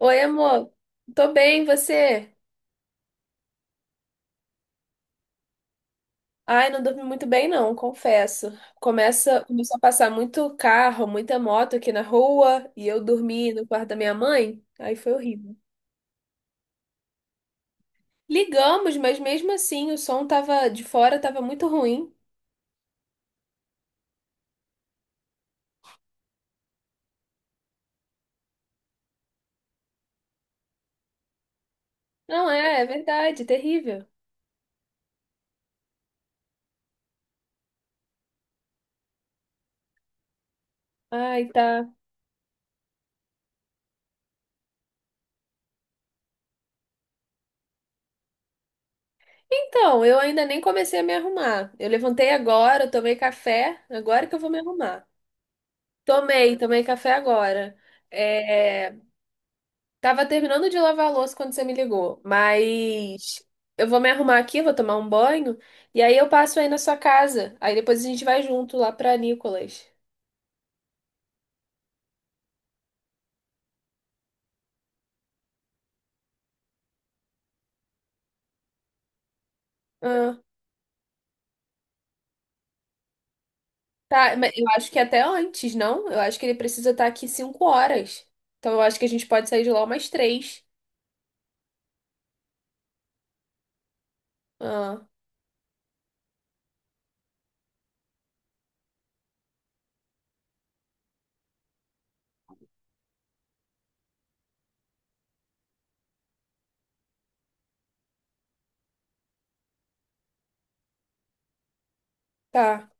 Oi, amor. Tô bem, e você? Ai, não dormi muito bem, não, confesso. Começou a passar muito carro, muita moto aqui na rua e eu dormi no quarto da minha mãe. Aí foi horrível. Ligamos, mas mesmo assim o som tava de fora, tava muito ruim. Não é, é verdade, terrível. Ai, tá. Então, eu ainda nem comecei a me arrumar. Eu levantei agora, eu tomei café, agora que eu vou me arrumar. Tomei café agora. É. Tava terminando de lavar a louça quando você me ligou, mas eu vou me arrumar aqui, vou tomar um banho e aí eu passo aí na sua casa. Aí depois a gente vai junto lá pra Nicolas. Ah, tá, mas eu acho que até antes, não? Eu acho que ele precisa estar aqui 5 horas. Então eu acho que a gente pode sair de lá umas três. Ah, tá.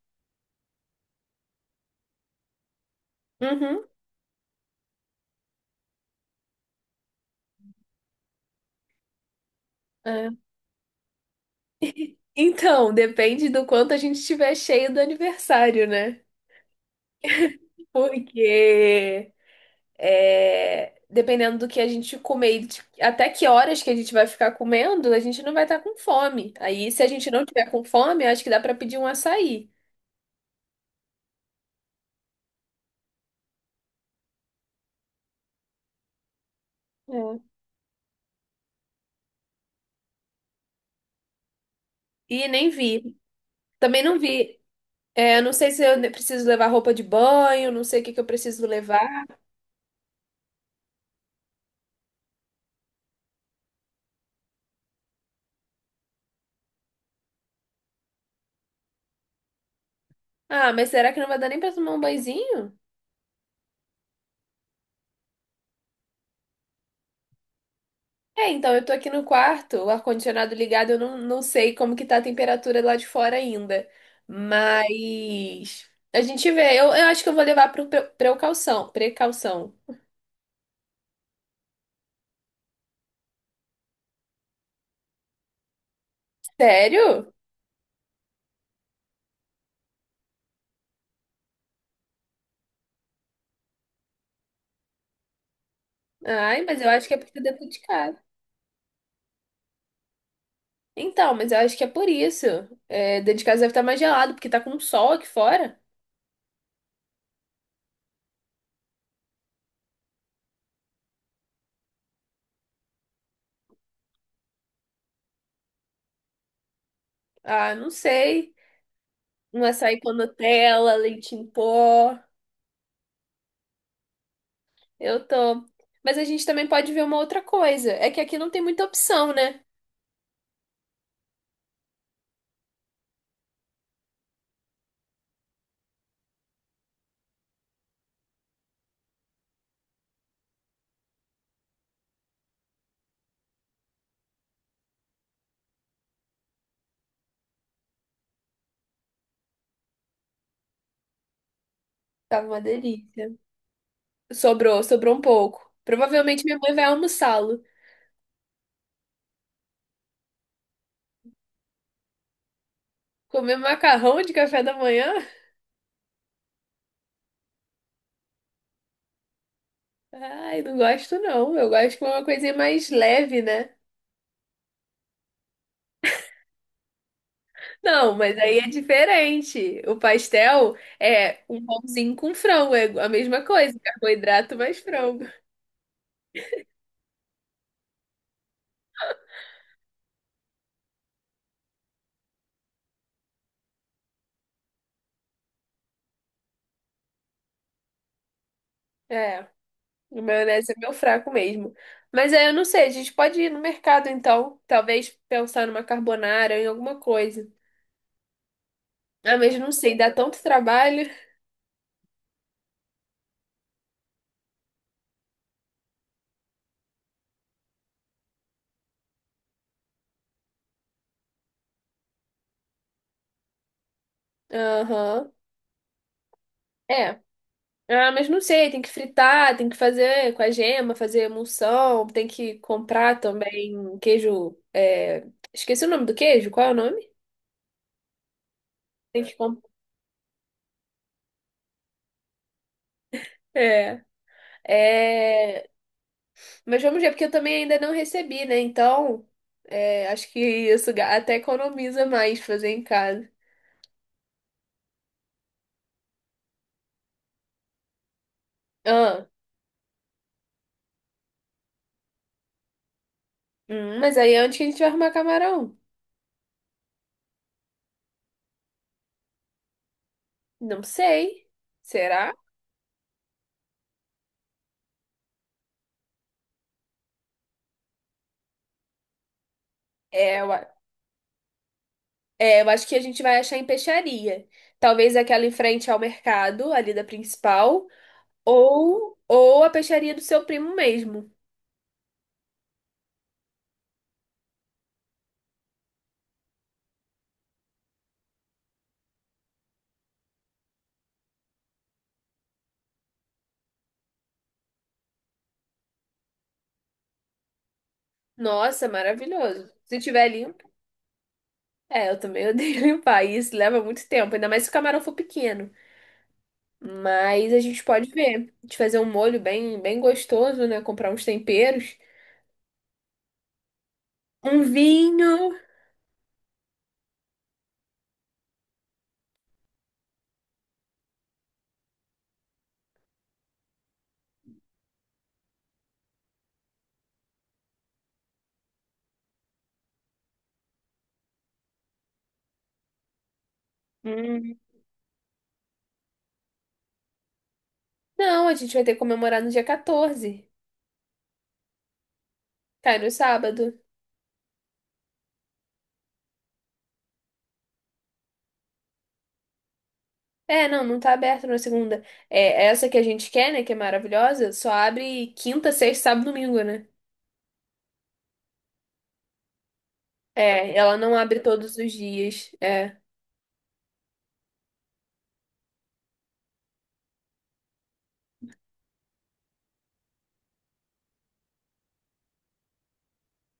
Uhum. É. Então, depende do quanto a gente estiver cheio do aniversário, né? Porque é, dependendo do que a gente comer, e até que horas que a gente vai ficar comendo, a gente não vai estar com fome. Aí, se a gente não tiver com fome, eu acho que dá para pedir um açaí. É. E nem vi. Também não vi. É, eu não sei se preciso levar roupa de banho, não sei o que que eu preciso levar. Ah, mas será que não vai dar nem para tomar um banhozinho? É, então, eu tô aqui no quarto, o ar-condicionado ligado, eu não, não sei como que tá a temperatura lá de fora ainda. Mas a gente vê. Eu acho que eu vou levar pro precaução. Precaução. Sério? Ai, mas eu acho que é porque tá dentro de casa. Então, mas eu acho que é por isso. É, dentro de casa deve estar mais gelado, porque tá com sol aqui fora. Ah, não sei. Um açaí com Nutella, leite em pó. Eu tô. Mas a gente também pode ver uma outra coisa. É que aqui não tem muita opção, né? Tava uma delícia. Sobrou um pouco. Provavelmente minha mãe vai almoçá-lo. Comer macarrão de café da manhã? Ai, não gosto não. Eu gosto com uma coisinha mais leve, né? Não, mas aí é diferente. O pastel é um pãozinho com frango, é a mesma coisa, carboidrato mais frango. É, o maionese é meu fraco mesmo. Mas aí eu não sei, a gente pode ir no mercado então, talvez pensar numa carbonara, em alguma coisa. Ah, mas não sei, dá tanto trabalho. Aham. É. Ah, mas não sei, tem que fritar, tem que fazer com a gema, fazer emulsão, tem que comprar também queijo. É, esqueci o nome do queijo, qual é o nome? Tem que comprar. É, é, mas vamos ver, porque eu também ainda não recebi, né? Então, é, acho que até economiza mais fazer em casa. Ah, mas aí onde que a gente vai arrumar camarão? Não sei. Será? É, eu É, eu acho que a gente vai achar em peixaria. Talvez aquela em frente ao mercado, ali da principal, ou a peixaria do seu primo mesmo. Nossa, maravilhoso. Se tiver limpo. É, eu também odeio limpar. Isso leva muito tempo, ainda mais se o camarão for pequeno. Mas a gente pode ver. A gente fazer um molho bem gostoso, né? Comprar uns temperos. Um vinho. Hum. Não, a gente vai ter que comemorar no dia 14. Cai no sábado. É, não, não tá aberto na segunda. É, essa que a gente quer, né, que é maravilhosa, só abre quinta, sexta, sábado, e domingo, né? É, ela não abre todos os dias. É.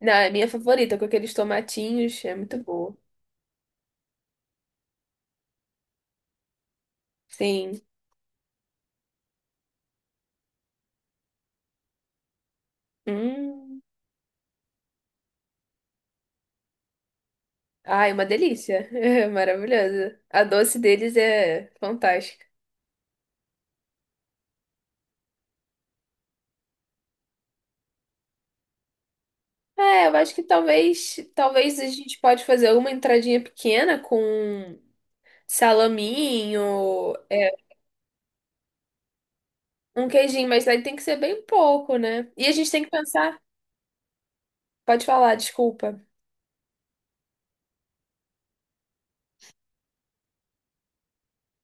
Não, é minha favorita, com aqueles tomatinhos, é muito boa. Sim. Hum. Ai, uma delícia. É maravilhosa. A doce deles é fantástica. É, eu acho que talvez a gente pode fazer alguma entradinha pequena com salaminho, é, um queijinho, mas aí tem que ser bem pouco, né? E a gente tem que pensar. Pode falar, desculpa.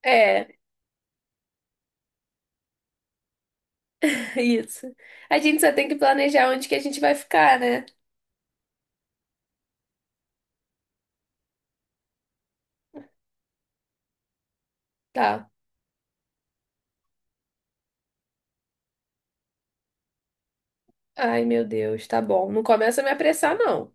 É, isso. A gente só tem que planejar onde que a gente vai ficar, né? Tá. Ai, meu Deus, tá bom. Não começa a me apressar, não.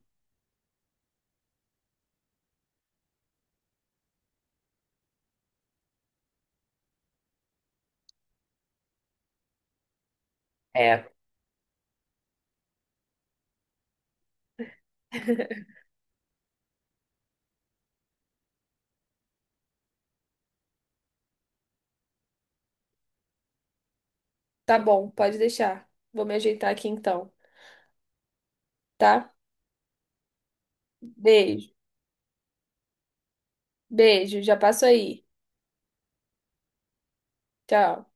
É, tá bom, pode deixar. Vou me ajeitar aqui então, tá? Beijo. Beijo, já passo aí. Tchau.